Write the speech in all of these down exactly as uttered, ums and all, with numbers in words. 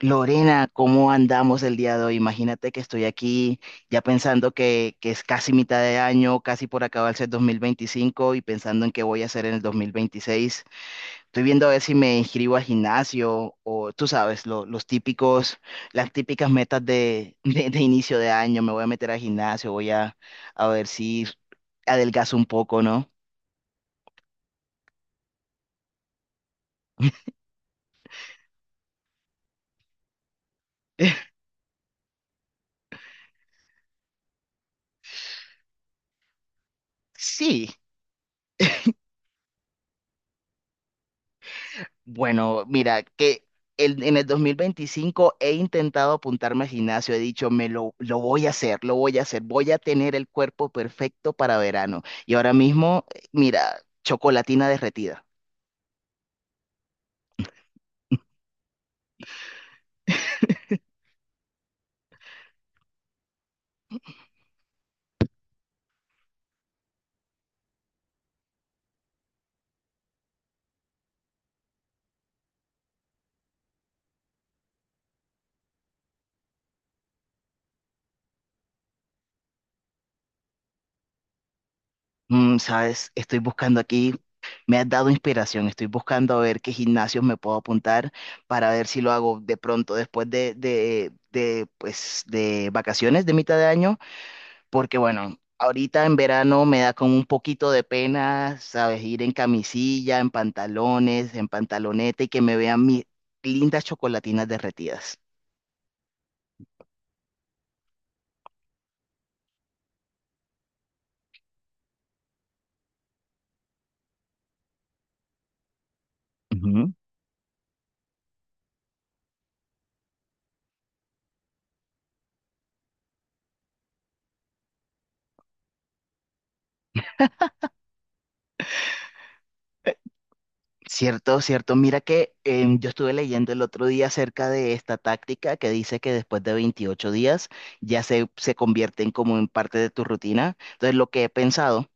Lorena, ¿cómo andamos el día de hoy? Imagínate que estoy aquí ya pensando que, que es casi mitad de año, casi por acabarse el dos mil veinticinco y pensando en qué voy a hacer en el dos mil veintiséis. Estoy viendo a ver si me inscribo al gimnasio o tú sabes, lo- los típicos, las típicas metas de, de, de inicio de año. Me voy a meter al gimnasio, voy a, a ver si adelgazo un poco, ¿no? Sí. Bueno, mira, que el- en el dos mil veinticinco he intentado apuntarme al gimnasio, he dicho, me lo, lo voy a hacer, lo voy a hacer, voy a tener el cuerpo perfecto para verano. Y ahora mismo, eh, mira, chocolatina derretida. Mm, sabes, estoy buscando aquí, me has dado inspiración, estoy buscando a ver qué gimnasios me puedo apuntar para ver si lo hago de pronto, después de, de, de, pues, de vacaciones de mitad de año. Porque bueno, ahorita en verano me da como un poquito de pena, ¿sabes? Ir en camisilla, en pantalones, en pantaloneta y que me vean mis lindas chocolatinas derretidas. Ujú. Cierto, cierto. Mira que em, yo estuve leyendo el otro día acerca de esta táctica que dice que después de veintiocho días ya se, se convierten como en parte de tu rutina. Entonces, lo que he pensado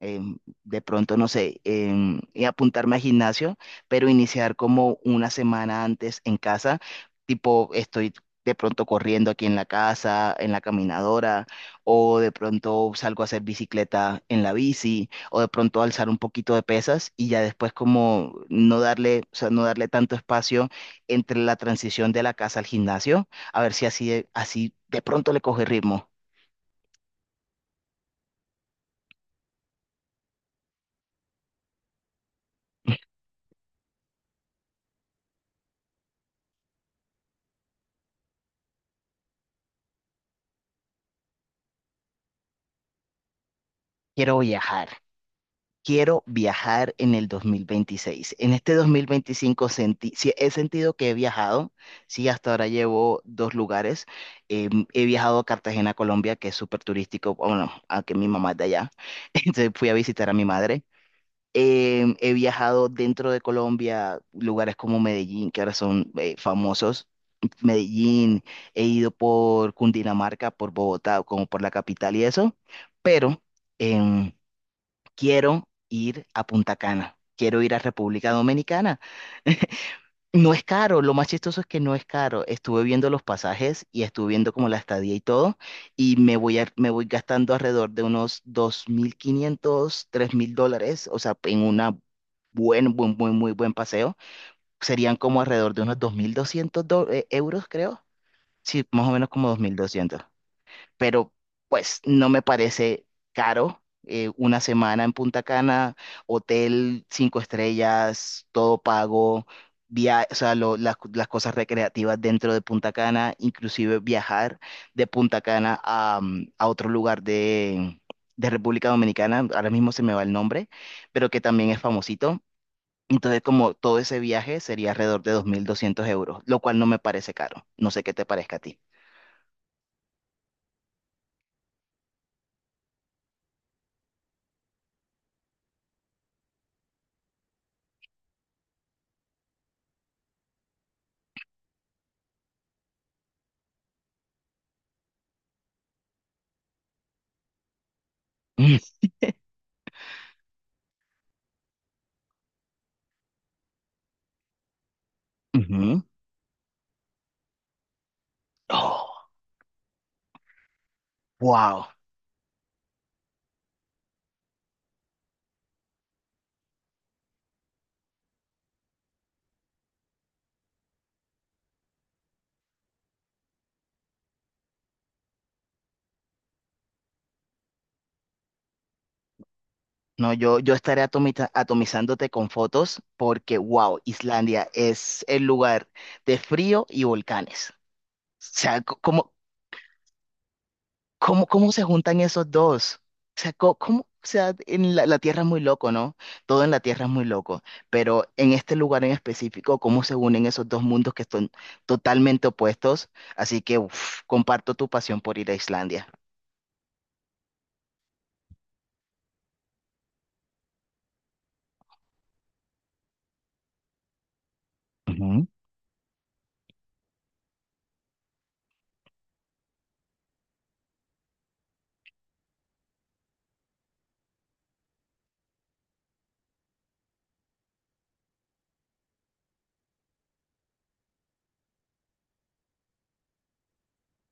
em, de pronto, no sé, em, y apuntarme al gimnasio, pero iniciar como una semana antes en casa, tipo estoy de pronto corriendo aquí en la casa, en la caminadora, o de pronto salgo a hacer bicicleta en la bici, o de pronto alzar un poquito de pesas y ya después como no darle, o sea, no darle tanto espacio entre la transición de la casa al gimnasio, a ver si así, así de pronto le coge ritmo. Quiero viajar. Quiero viajar en el dos mil veintiséis. En este dos mil veinticinco sentí, sí, he sentido que he viajado, sí, hasta ahora llevo dos lugares. Em, he viajado a Cartagena, Colombia, que es súper turístico, bueno, aunque mi mamá es de allá, entonces fui a visitar a mi madre. Em, he viajado dentro de Colombia, lugares como Medellín, que ahora son eh, famosos. Medellín, he ido por Cundinamarca, por Bogotá, como por la capital y eso, pero em, quiero ir a Punta Cana, quiero ir a República Dominicana. No es caro, lo más chistoso es que no es caro. Estuve viendo los pasajes y estuve viendo como la estadía y todo, y me voy a- me voy gastando alrededor de unos dos mil quinientos, tres mil dólares, o sea, en una buen, buen, buen, muy buen paseo. Serían como alrededor de unos dos mil doscientos do- eh, euros, creo. Sí, más o menos como dos mil doscientos, pero pues no me parece caro. Eh, una semana en Punta Cana, hotel cinco estrellas, todo pago, via o sea, lo- las, las cosas recreativas dentro de Punta Cana, inclusive viajar de Punta Cana a, mm, a otro lugar de, de República Dominicana, ahora mismo se me va el nombre, pero que también es famosito. Entonces, como todo ese viaje sería alrededor de dos mil doscientos euros, lo cual no me parece caro. No sé qué te parezca a ti. Ujú. Oh. Wow, no, yo, yo estaré atomiza- atomizándote con fotos porque, wow, Islandia es el lugar de frío y volcanes. O sea, co- ¿cómo, cómo, cómo se juntan esos dos? O sea, co- ¿cómo, o sea, en la, la tierra es muy loco, ¿no? Todo en la tierra es muy loco, pero en este lugar en específico, ¿cómo se unen esos dos mundos que son totalmente opuestos? Así que, uf, comparto tu pasión por ir a Islandia.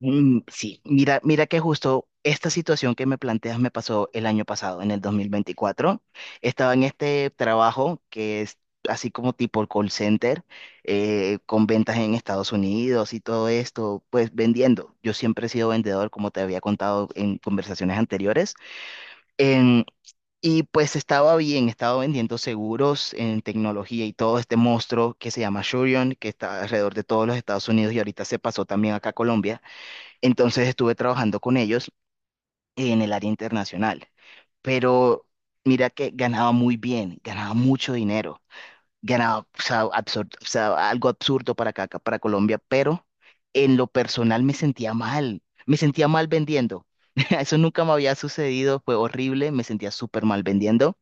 Mm, sí, mira, mira que justo esta situación que me planteas me pasó el año pasado, en el dos mil veinticuatro. Estaba en este trabajo que es así como tipo call center, eh, con ventas en Estados Unidos y todo esto, pues vendiendo. Yo siempre he sido vendedor, como te había contado en conversaciones anteriores. En- y pues estaba bien, estaba vendiendo seguros en tecnología y todo este monstruo que se llama Shurion, que está alrededor de todos los Estados Unidos y ahorita se pasó también acá a Colombia. Entonces estuve trabajando con ellos en el área internacional. Pero mira que ganaba muy bien, ganaba mucho dinero, ganaba, o sea, absur- o sea, algo absurdo para acá, para Colombia, pero en lo personal me sentía mal, me sentía mal vendiendo. Eso nunca me había sucedido, fue horrible, me sentía súper mal vendiendo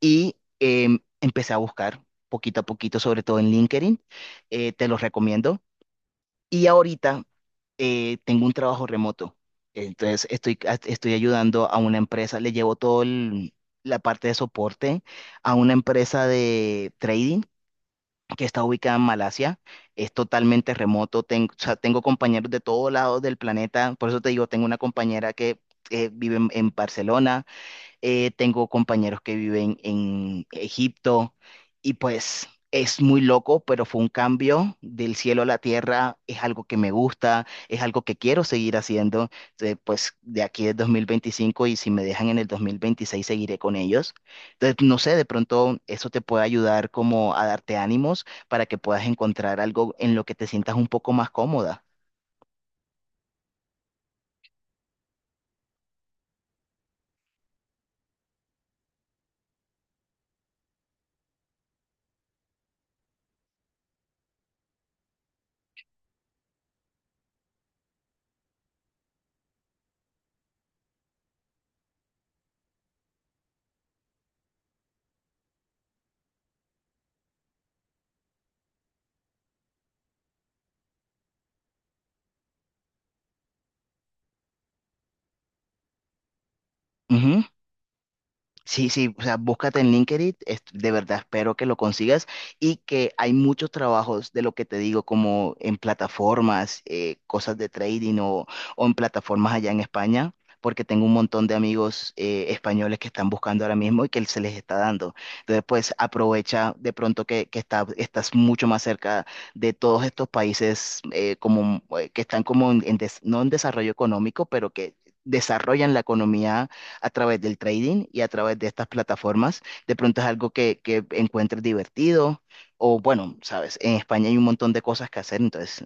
y em, empecé a buscar poquito a poquito, sobre todo en LinkedIn. Eh, te los recomiendo. Y ahorita eh, tengo un trabajo remoto. Entonces estoy, a- estoy ayudando a una empresa, le llevo todo el- la parte de soporte a una empresa de trading que está ubicada en Malasia. Es totalmente remoto, tengo, o sea, tengo compañeros de todos lados del planeta. Por eso te digo, tengo una compañera que eh, vive en, en Barcelona, eh, tengo compañeros que viven en Egipto y pues es muy loco, pero fue un cambio del cielo a la tierra, es algo que me gusta, es algo que quiero seguir haciendo. Entonces, pues de aquí es dos mil veinticinco y si me dejan en el dos mil veintiséis seguiré con ellos. Entonces, no sé, de pronto eso te puede ayudar como a darte ánimos para que puedas encontrar algo en lo que te sientas un poco más cómoda. Sí, sí, o sea, búscate en LinkedIn, es- de verdad espero que lo consigas, y que hay muchos trabajos de lo que te digo, como en plataformas, eh, cosas de trading o, o en plataformas allá en España, porque tengo un montón de amigos eh, españoles que están buscando ahora mismo y que se les está dando. Entonces, pues aprovecha de pronto que, que está- estás mucho más cerca de todos estos países, eh, como, eh, que están como en, en des- no en desarrollo económico, pero que desarrollan la economía a través del trading y a través de estas plataformas. De pronto es algo que, que encuentres divertido, o bueno, sabes, en España hay un montón de cosas que hacer. Entonces,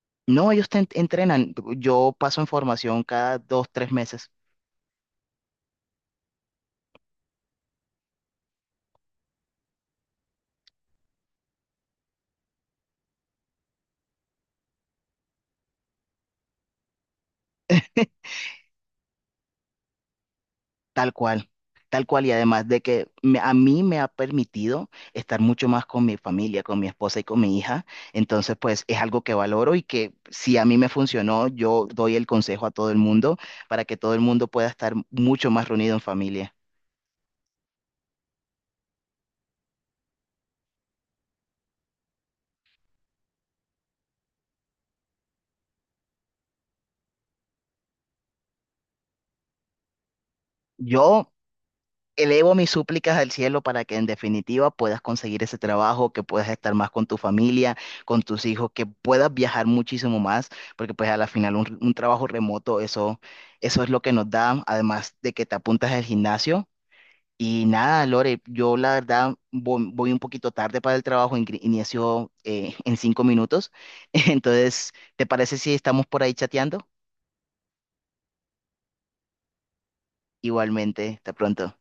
no, ellos te en- entrenan. Yo paso en formación cada dos, tres meses, tal cual. Tal cual, y además de que me- a mí me ha permitido estar mucho más con mi familia, con mi esposa y con mi hija. Entonces, pues es algo que valoro y que si a mí me funcionó, yo doy el consejo a todo el mundo para que todo el mundo pueda estar mucho más reunido en familia. Yo elevo mis súplicas al cielo para que en definitiva puedas conseguir ese trabajo, que puedas estar más con tu familia, con tus hijos, que puedas viajar muchísimo más, porque pues a la final un, un trabajo remoto, eso, eso es lo que nos da, además de que te apuntas al gimnasio. Y nada, Lore, yo la verdad voy, voy un poquito tarde para el trabajo, ingri- inicio eh, en cinco minutos. Entonces, ¿te parece si estamos por ahí chateando? Igualmente, hasta pronto.